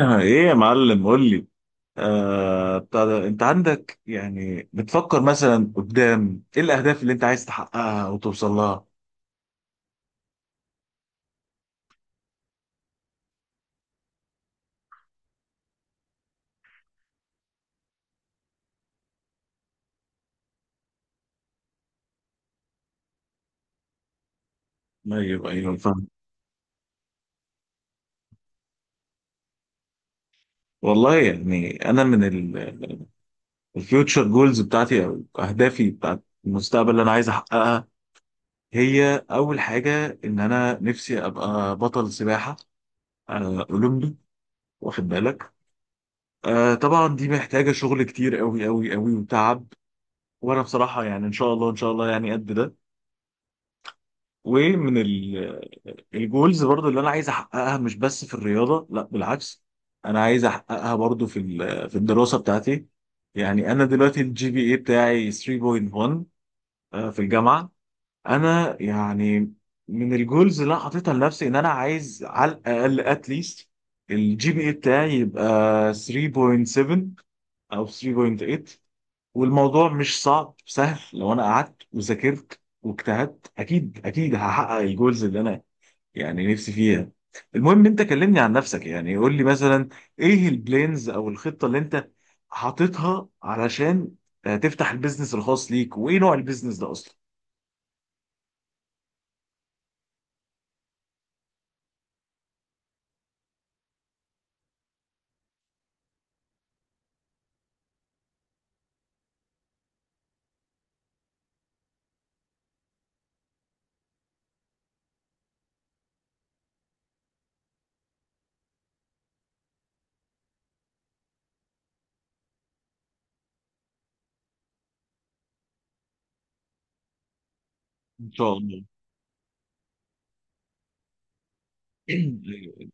آه، ايه يا معلم، قول لي. بتاع ده، انت عندك يعني بتفكر مثلا قدام، ايه الاهداف اللي انت عايز تحققها وتوصل لها؟ ايوه ايوه، فاهم. والله، يعني انا من الفيوتشر جولز بتاعتي او اهدافي بتاعت المستقبل اللي انا عايز احققها، هي اول حاجه ان انا نفسي ابقى بطل سباحه اولمبي، واخد بالك؟ طبعا، دي محتاجه شغل كتير قوي قوي قوي وتعب. وانا بصراحه يعني ان شاء الله ان شاء الله، يعني قد ده. ومن ال- الجولز برضو اللي انا عايز احققها، مش بس في الرياضه، لا بالعكس. انا عايز احققها برضو في الدراسه بتاعتي. يعني انا دلوقتي الجي بي اي بتاعي 3.1. في الجامعه. انا يعني من الجولز اللي انا حاططها لنفسي، ان انا عايز على الاقل اتليست الجي بي اي بتاعي يبقى 3.7 او 3.8. والموضوع مش صعب، سهل لو انا قعدت وذاكرت واجتهدت، اكيد اكيد هحقق الجولز اللي انا يعني نفسي فيها. المهم، انت كلمني عن نفسك، يعني قول لي مثلا، ايه البلانز او الخطة اللي انت حاططها علشان تفتح البيزنس الخاص ليك، وايه نوع البيزنس ده اصلا؟ ان شاء الله. أيوة.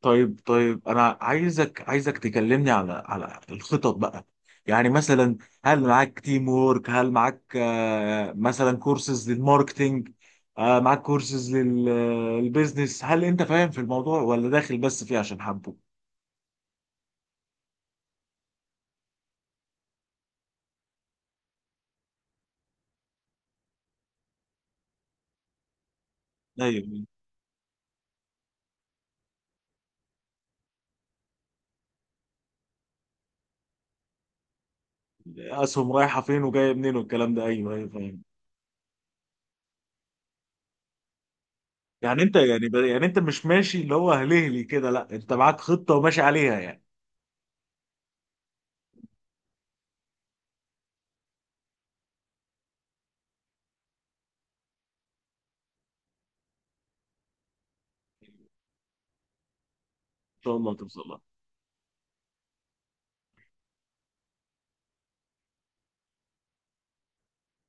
طيب طيب، انا عايزك تكلمني على الخطط بقى. يعني مثلا، هل معاك تيم وورك؟ هل معاك مثلا كورسز للماركتينج؟ معاك كورسز للبيزنس؟ هل انت فاهم في الموضوع ولا داخل بس فيه عشان حبه؟ ايوه، اسهم رايحه فين وجايه منين والكلام ده، ايوه ايوه فاهم. يعني انت، يعني انت مش ماشي اللي هو هلهلي كده، لا انت معاك خطه وماشي عليها يعني. ان شاء الله توصل لها.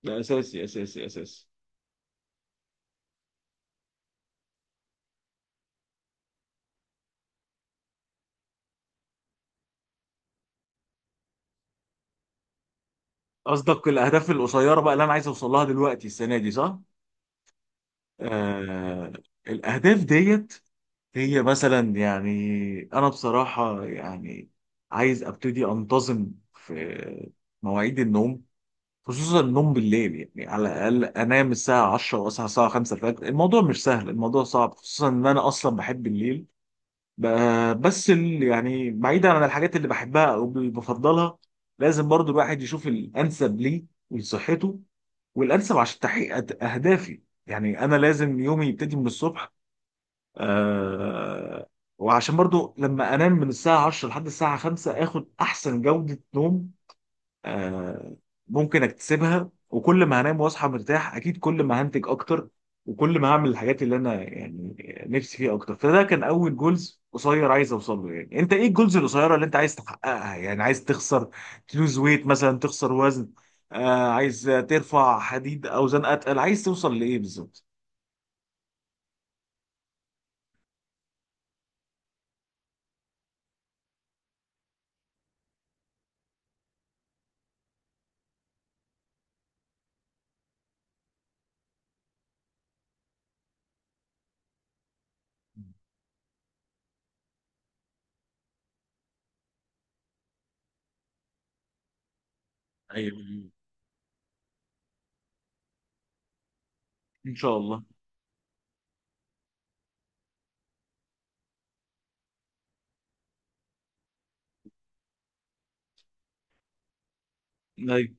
ده اساسي اساسي اساسي. قصدك الاهداف القصيره بقى، اللي انا عايز اوصل لها دلوقتي السنه دي، صح؟ آه. الاهداف ديت هي مثلا يعني، انا بصراحه يعني عايز ابتدي انتظم في مواعيد النوم. خصوصا النوم بالليل، يعني على الاقل انام الساعه 10 واصحى الساعه 5 الفجر. الموضوع مش سهل، الموضوع صعب خصوصا ان انا اصلا بحب الليل. بس يعني بعيدا عن الحاجات اللي بحبها او اللي بفضلها، لازم برضو الواحد يشوف الانسب ليه ولصحته. والانسب عشان تحقيق اهدافي، يعني انا لازم يومي يبتدي من الصبح. آه وعشان برضو لما انام من الساعه 10 لحد الساعه 5 اخد احسن جوده نوم آه، ممكن اكتسبها، وكل ما هنام واصحى مرتاح اكيد كل ما هنتج اكتر، وكل ما هعمل الحاجات اللي انا يعني نفسي فيها اكتر. فده كان اول جولز قصير عايز اوصل له. يعني انت، ايه الجولز القصيره اللي انت عايز تحققها؟ يعني عايز تخسر تلوز ويت مثلا، تخسر وزن؟ عايز ترفع حديد اوزان اتقل؟ عايز توصل لايه بالظبط؟ ايوه، ان شاء الله. أيوة.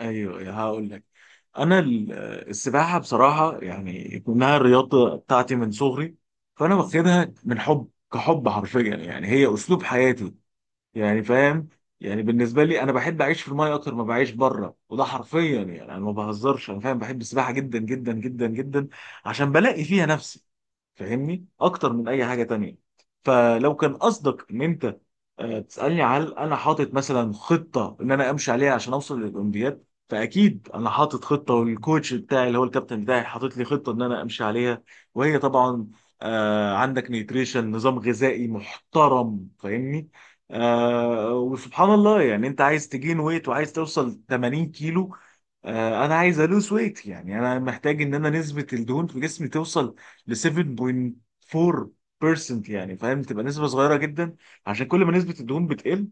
ايوه أيوه، هقول لك. انا السباحه بصراحه، يعني كونها الرياضه بتاعتي من صغري، فانا واخدها من حب، كحب حرفيا، يعني هي اسلوب حياتي. يعني، فاهم؟ يعني بالنسبه لي انا بحب اعيش في المايه اكتر ما بعيش بره، وده حرفيا يعني انا ما بهزرش، انا فاهم، بحب السباحه جدا جدا جدا جدا. عشان بلاقي فيها نفسي، فاهمني اكتر من اي حاجه تانية. فلو كان قصدك ان انت تسالني هل انا حاطط مثلا خطه ان انا امشي عليها عشان اوصل للاولمبياد، فاكيد انا حاطط خطه، والكوتش بتاعي اللي هو الكابتن بتاعي حاطط لي خطه ان انا امشي عليها. وهي طبعا، عندك نيتريشن، نظام غذائي محترم، فاهمني. وسبحان الله، يعني انت عايز تجين ويت وعايز توصل 80 كيلو، انا عايز الوز ويت، يعني انا محتاج ان انا نسبة الدهون في جسمي توصل ل 7.4%، يعني فاهم، تبقى نسبة صغيرة جدا. عشان كل ما نسبة الدهون بتقل،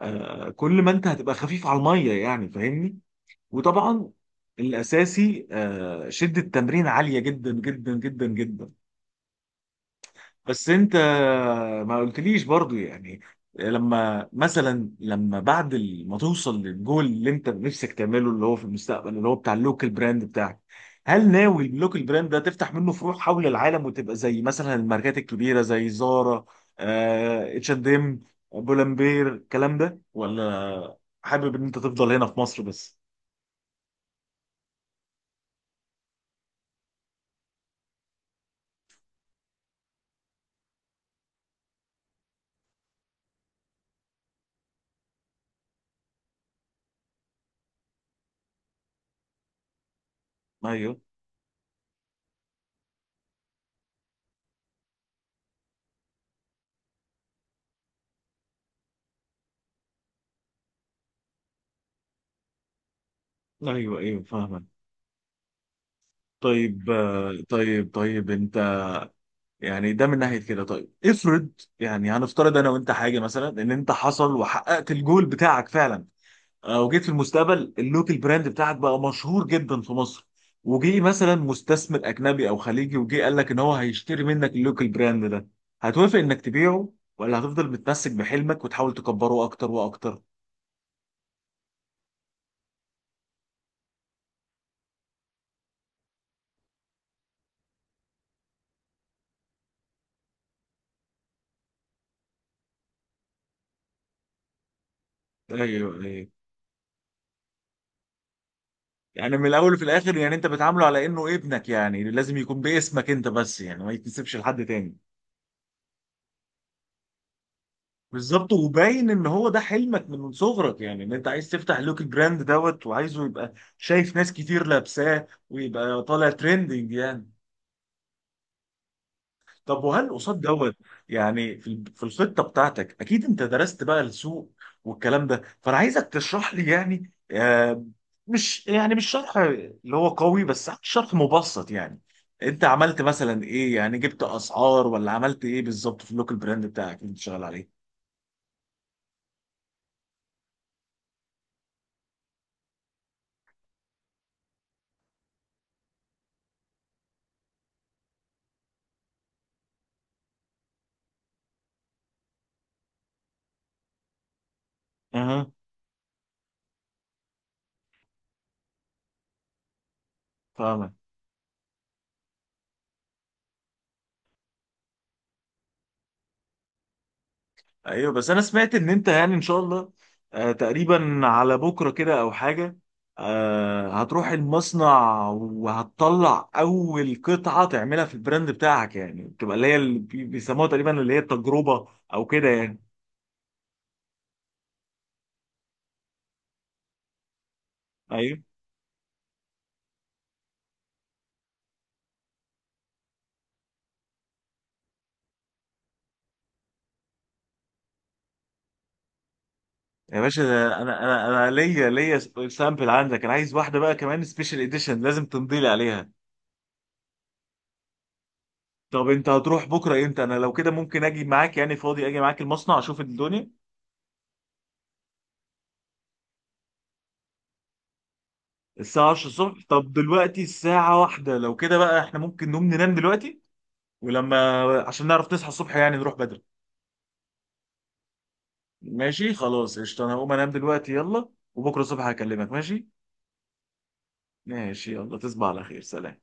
كل ما انت هتبقى خفيف على المية، يعني فاهمني. وطبعا الاساسي شدة تمرين عالية جدا جدا جدا جدا. بس انت ما قلتليش برضو، يعني لما ما توصل للجول اللي انت نفسك تعمله، اللي هو في المستقبل، اللي هو بتاع اللوكال براند بتاعك، هل ناوي اللوكال براند ده تفتح منه فروع حول العالم وتبقى زي مثلا الماركات الكبيرة زي زارا، اتش اند ام، بولمبير، الكلام ده؟ ولا حابب ان انت تفضل هنا في مصر بس؟ ايوه ايوه ايوه، فاهمك. طيب، طيب طيب، انت يعني ده من ناحيه كده. طيب افرض، يعني هنفترض انا وانت حاجه، مثلا ان انت حصل وحققت الجول بتاعك فعلا، وجيت في المستقبل اللوكال براند بتاعك بقى مشهور جدا في مصر، وجي مثلا مستثمر اجنبي او خليجي، وجي قال لك ان هو هيشتري منك اللوكال براند ده، هتوافق انك تبيعه؟ ولا هتفضل متمسك بحلمك وتحاول تكبره اكتر واكتر؟ ايوه ايوه. يعني من الاول وفي الاخر، يعني انت بتعامله على انه ابنك، يعني لازم يكون باسمك انت بس، يعني ما يتنسبش لحد تاني. بالظبط، وباين ان هو ده حلمك من صغرك، يعني ان انت عايز تفتح لوك البراند دوت، وعايزه يبقى شايف ناس كتير لابساه ويبقى طالع ترندنج يعني. طب وهل قصاد دوت يعني في الخطه بتاعتك اكيد انت درست بقى السوق والكلام ده، فانا عايزك تشرح لي، يعني مش شرح اللي هو قوي، بس شرح مبسط يعني. انت عملت مثلا ايه؟ يعني جبت اسعار ولا عملت ايه بالظبط في اللوك البراند بتاعك اللي انت شغال عليه؟ اها، فاهمك. ايوه، بس انا سمعت ان انت يعني ان شاء الله تقريبا على بكره كده او حاجه، هتروح المصنع وهتطلع اول قطعه تعملها في البراند بتاعك، يعني بتبقى اللي هي اللي بيسموها تقريبا اللي هي التجربه او كده يعني. ايوه يا باشا، ده انا ليا سامبل عندك، انا عايز واحده بقى كمان سبيشال اديشن لازم تمضي لي عليها. طب انت هتروح بكره امتى؟ انا لو كده ممكن اجي معاك، يعني فاضي اجي معاك المصنع اشوف الدنيا. الساعة 10 الصبح؟ طب دلوقتي الساعة واحدة، لو كده بقى احنا ممكن نقوم ننام دلوقتي، ولما عشان نعرف نصحى الصبح يعني نروح بدري. ماشي خلاص، قشطة، انا هقوم انام دلوقتي يلا، وبكرة الصبح هكلمك ماشي. ماشي يلا، تصبح على خير، سلام.